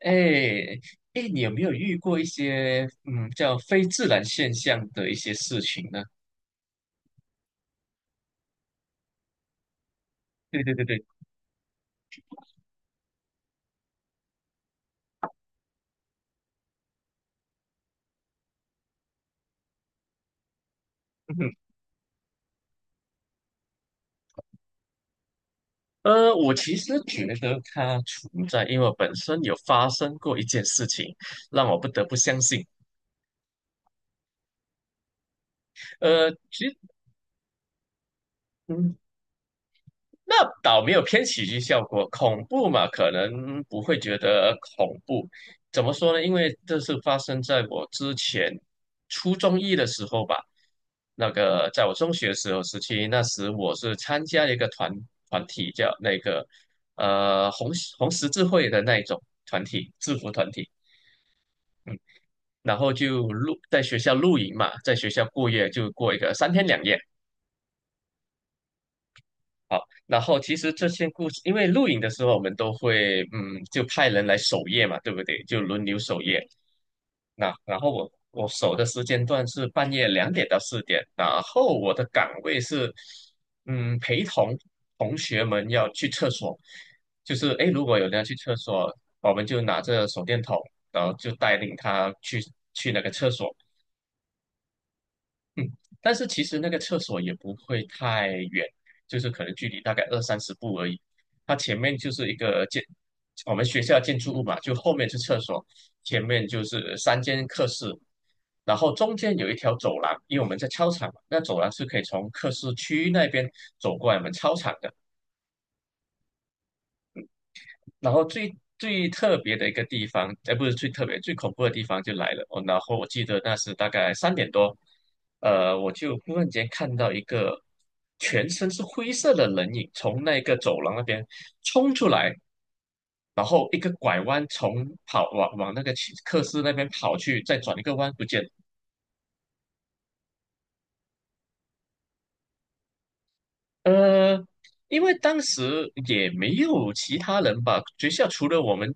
哎，哎，你有没有遇过一些叫非自然现象的一些事情呢？对对对对。嗯哼。我其实觉得它存在，因为我本身有发生过一件事情，让我不得不相信。其实。嗯。那倒没有偏喜剧效果，恐怖嘛，可能不会觉得恐怖。怎么说呢？因为这是发生在我之前初中一的时候吧。那个在我中学时候时期，那时我是参加了一个团体，叫那个红十字会的那一种团体，制服团体。嗯，然后就露在学校露营嘛，在学校过夜就过一个三天两夜。好，然后其实这些故事，因为录影的时候我们都会，就派人来守夜嘛，对不对？就轮流守夜。那然后我守的时间段是半夜两点到四点，然后我的岗位是，嗯，陪同同学们要去厕所，就是诶，如果有人要去厕所，我们就拿着手电筒，然后就带领他去那个厕所。嗯，但是其实那个厕所也不会太远，就是可能距离大概二三十步而已。它前面就是一个我们学校建筑物嘛，就后面是厕所，前面就是三间课室，然后中间有一条走廊，因为我们在操场嘛，那走廊是可以从课室区那边走过来我们操场的。然后最最特别的一个地方，哎，不是最特别，最恐怖的地方就来了。哦，然后我记得那是大概三点多，我就忽然间看到一个全身是灰色的人影从那个走廊那边冲出来，然后一个拐弯跑往那个去课室那边跑去，再转一个弯不见了。呃，因为当时也没有其他人吧，学校除了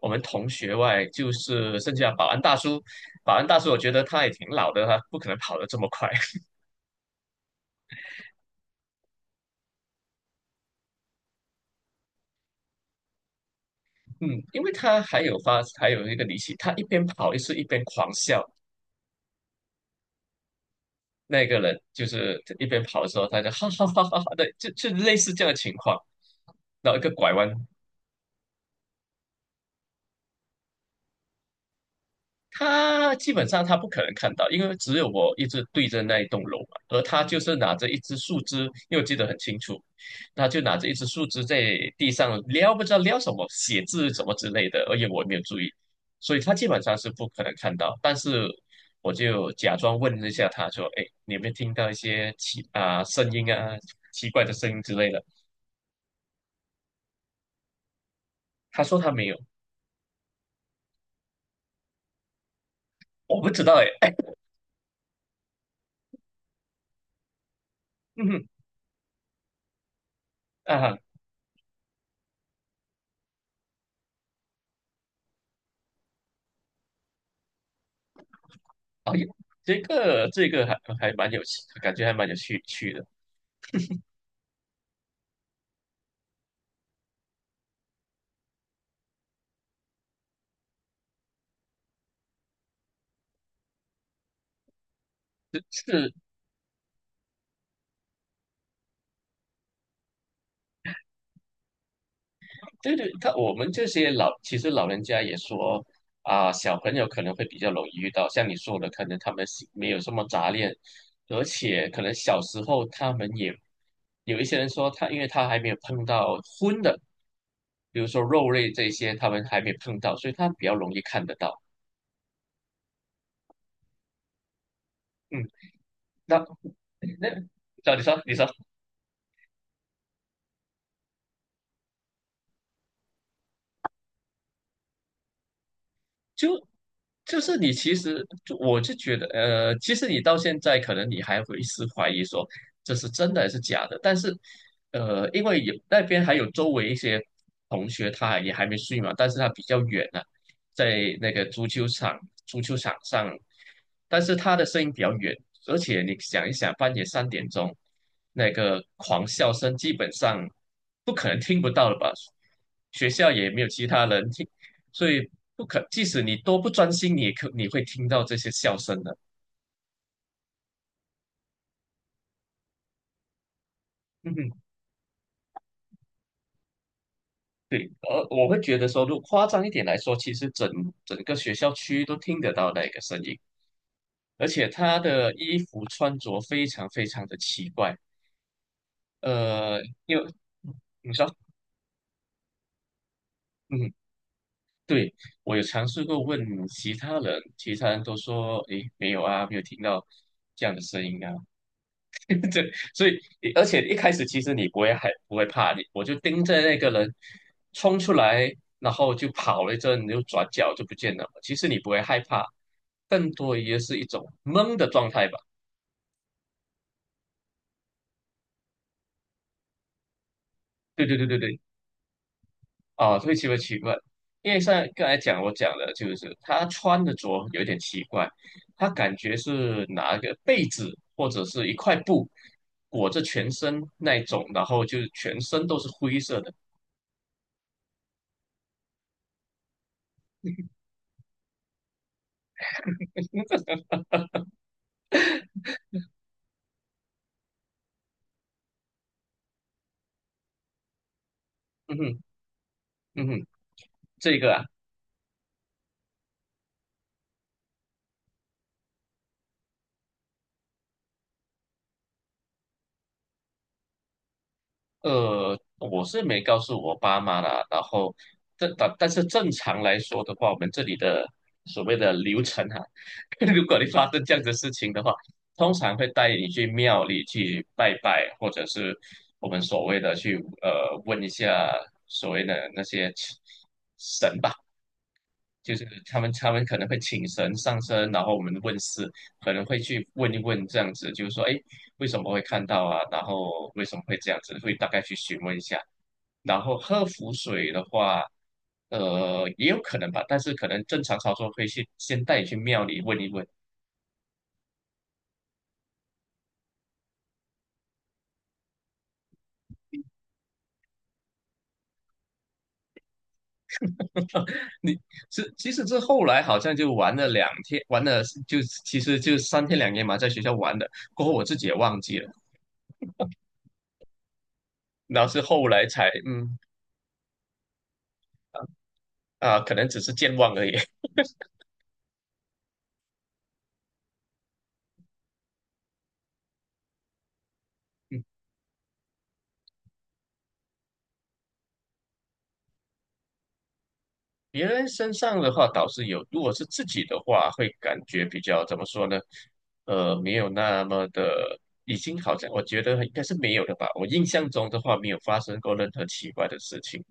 我们同学外，就是剩下保安大叔。保安大叔，我觉得他也挺老的，他不可能跑得这么快。嗯，因为他还有一个离奇，他一边跑一边狂笑。那个人就是一边跑的时候，他就哈哈哈哈哈的，就类似这样的情况，然后一个拐弯。他基本上他不可能看到，因为只有我一直对着那一栋楼嘛，而他就是拿着一支树枝，因为我记得很清楚，他就拿着一支树枝在地上撩，不知道撩什么，写字什么之类的，而且我也没有注意，所以他基本上是不可能看到。但是我就假装问了一下他说："哎，你有没有听到一些声音啊，奇怪的声音之类的？"他说他没有。我不知道哎，哎。嗯哼。啊。哎呦，这个还蛮有趣，感觉还蛮趣的。是。对对，我们这些其实老人家也说啊，小朋友可能会比较容易遇到，像你说的，可能他们是没有什么杂念，而且可能小时候他们也有一些人说他，因为他还没有碰到荤的，比如说肉类这些，他们还没碰到，所以他比较容易看得到。嗯。那那，那你你说，就就是你其实我就觉得，其实你到现在可能你还会怀疑说这是真的还是假的，但是，呃，因为有那边还有周围一些同学，他也还没睡嘛，但是他比较远了、在那个足球场上，但是他的声音比较远，而且你想一想，半夜三点钟那个狂笑声，基本上不可能听不到了吧？学校也没有其他人听。所以不可，即使你多不专心，你也可你会听到这些笑声的。嗯哼。对，而我会觉得说，如果夸张一点来说，其实整个学校区都听得到那个声音，而且他的衣服穿着非常非常的奇怪。呃，因为你说，嗯，对，我有尝试过问其他人，其他人都说，诶，没有啊，没有听到这样的声音啊。对，所以而且一开始其实你不会害，不会怕你，我就盯着那个人冲出来，然后就跑了一阵，又转角就不见了。其实你不会害怕，更多也是一种懵的状态吧。对对对对对。啊，会奇怪，因为像刚才讲我讲的，就是他穿着有点奇怪，他感觉是拿一个被子或者是一块布裹着全身那一种，然后就是全身都是灰色的。嗯哼。嗯哼。这个啊，呃，我是没告诉我爸妈啦。然后，但是正常来说的话，我们这里的所谓的流程哈、如果你发生这样的事情的话，通常会带你去庙里去拜拜，或者是我们所谓的去问一下所谓的那些。神。就是他们可能会请神上身，然后我们问事，可能会去问一问这样子，就是说，哎，为什么会看到啊？然后为什么会这样子？会大概去询问一下。然后喝符水的话，呃，也有可能吧，但是可能正常操作会去先带你去庙里问一问。你是其实这后来好像就玩了两天，玩了就其实就三天两夜嘛，在学校玩的。过后我自己也忘记了，然后是后来才啊、可能只是健忘而已。别人身上的话倒是有，如果是自己的话，会感觉比较怎么说呢？呃，没有那么的，已经好像我觉得应该是没有的吧。我印象中的话，没有发生过任何奇怪的事情。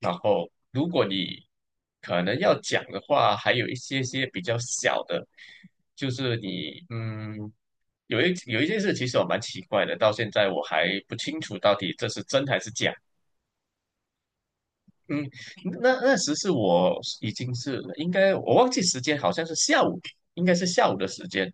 然后，如果你可能要讲的话，还有一些些比较小的，就是你嗯，有一件事，其实我蛮奇怪的，到现在我还不清楚到底这是真还是假。嗯，那那时是我已经是应该我忘记时间，好像是下午，应该是下午的时间。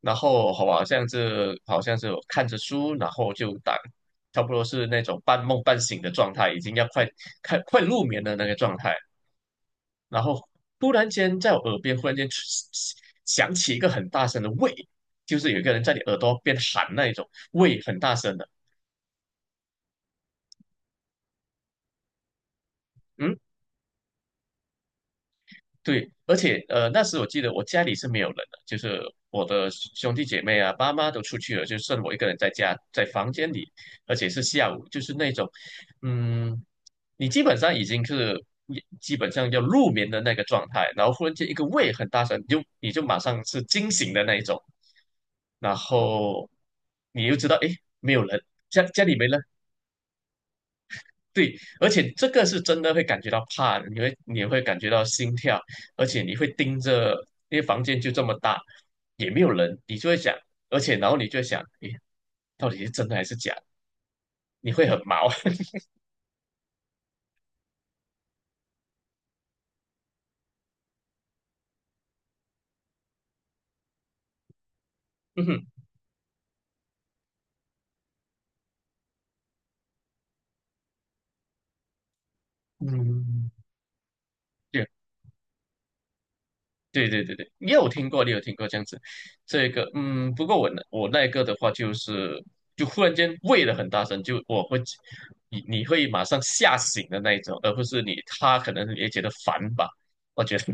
然后好吧，好像是我看着书，然后就打，差不多是那种半梦半醒的状态，已经要快入眠的那个状态。然后突然间在我耳边忽然间响起一个很大声的喂，就是有一个人在你耳朵边喊那一种喂，很大声的。嗯，对，而且呃，那时我记得我家里是没有人的，就是我的兄弟姐妹啊、爸妈都出去了，就剩我一个人在家，在房间里，而且是下午，就是那种，嗯，你基本上已经是基本上要入眠的那个状态，然后忽然间一个胃很大声，你就马上是惊醒的那一种，然后你又知道，诶，没有人，家里没人，对，而且这个是真的会感觉到怕的，你会感觉到心跳，而且你会盯着，因为房间就这么大，也没有人，你就会想，然后你就会想，诶，到底是真的还是假的？你会很毛。嗯哼。嗯。对对对对对，你有听过这样子，这个嗯，不过我那个的话就是就忽然间喂了很大声，就你会马上吓醒的那一种，而不是你他可能也觉得烦吧，我觉得。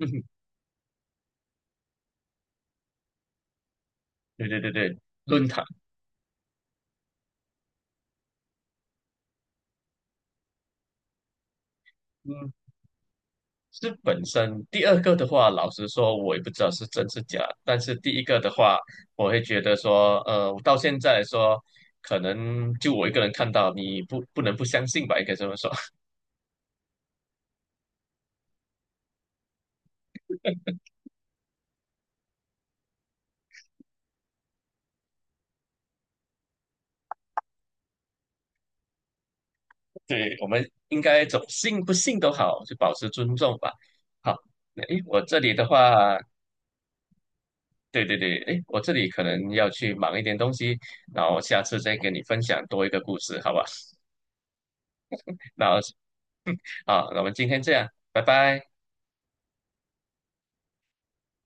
对对对对。论坛。嗯，是本身第二个的话，老实说，我也不知道是真是假。但是第一个的话，我会觉得说，呃，我到现在来说，可能就我一个人看到，你不能不相信吧，应该这么说。对，我们应该总信不信都好，就保持尊重吧。好，那诶，我这里的话，对对对，诶，我这里可能要去忙一点东西，然后下次再跟你分享多一个故事，好吧？那好，那我们今天这样，拜拜。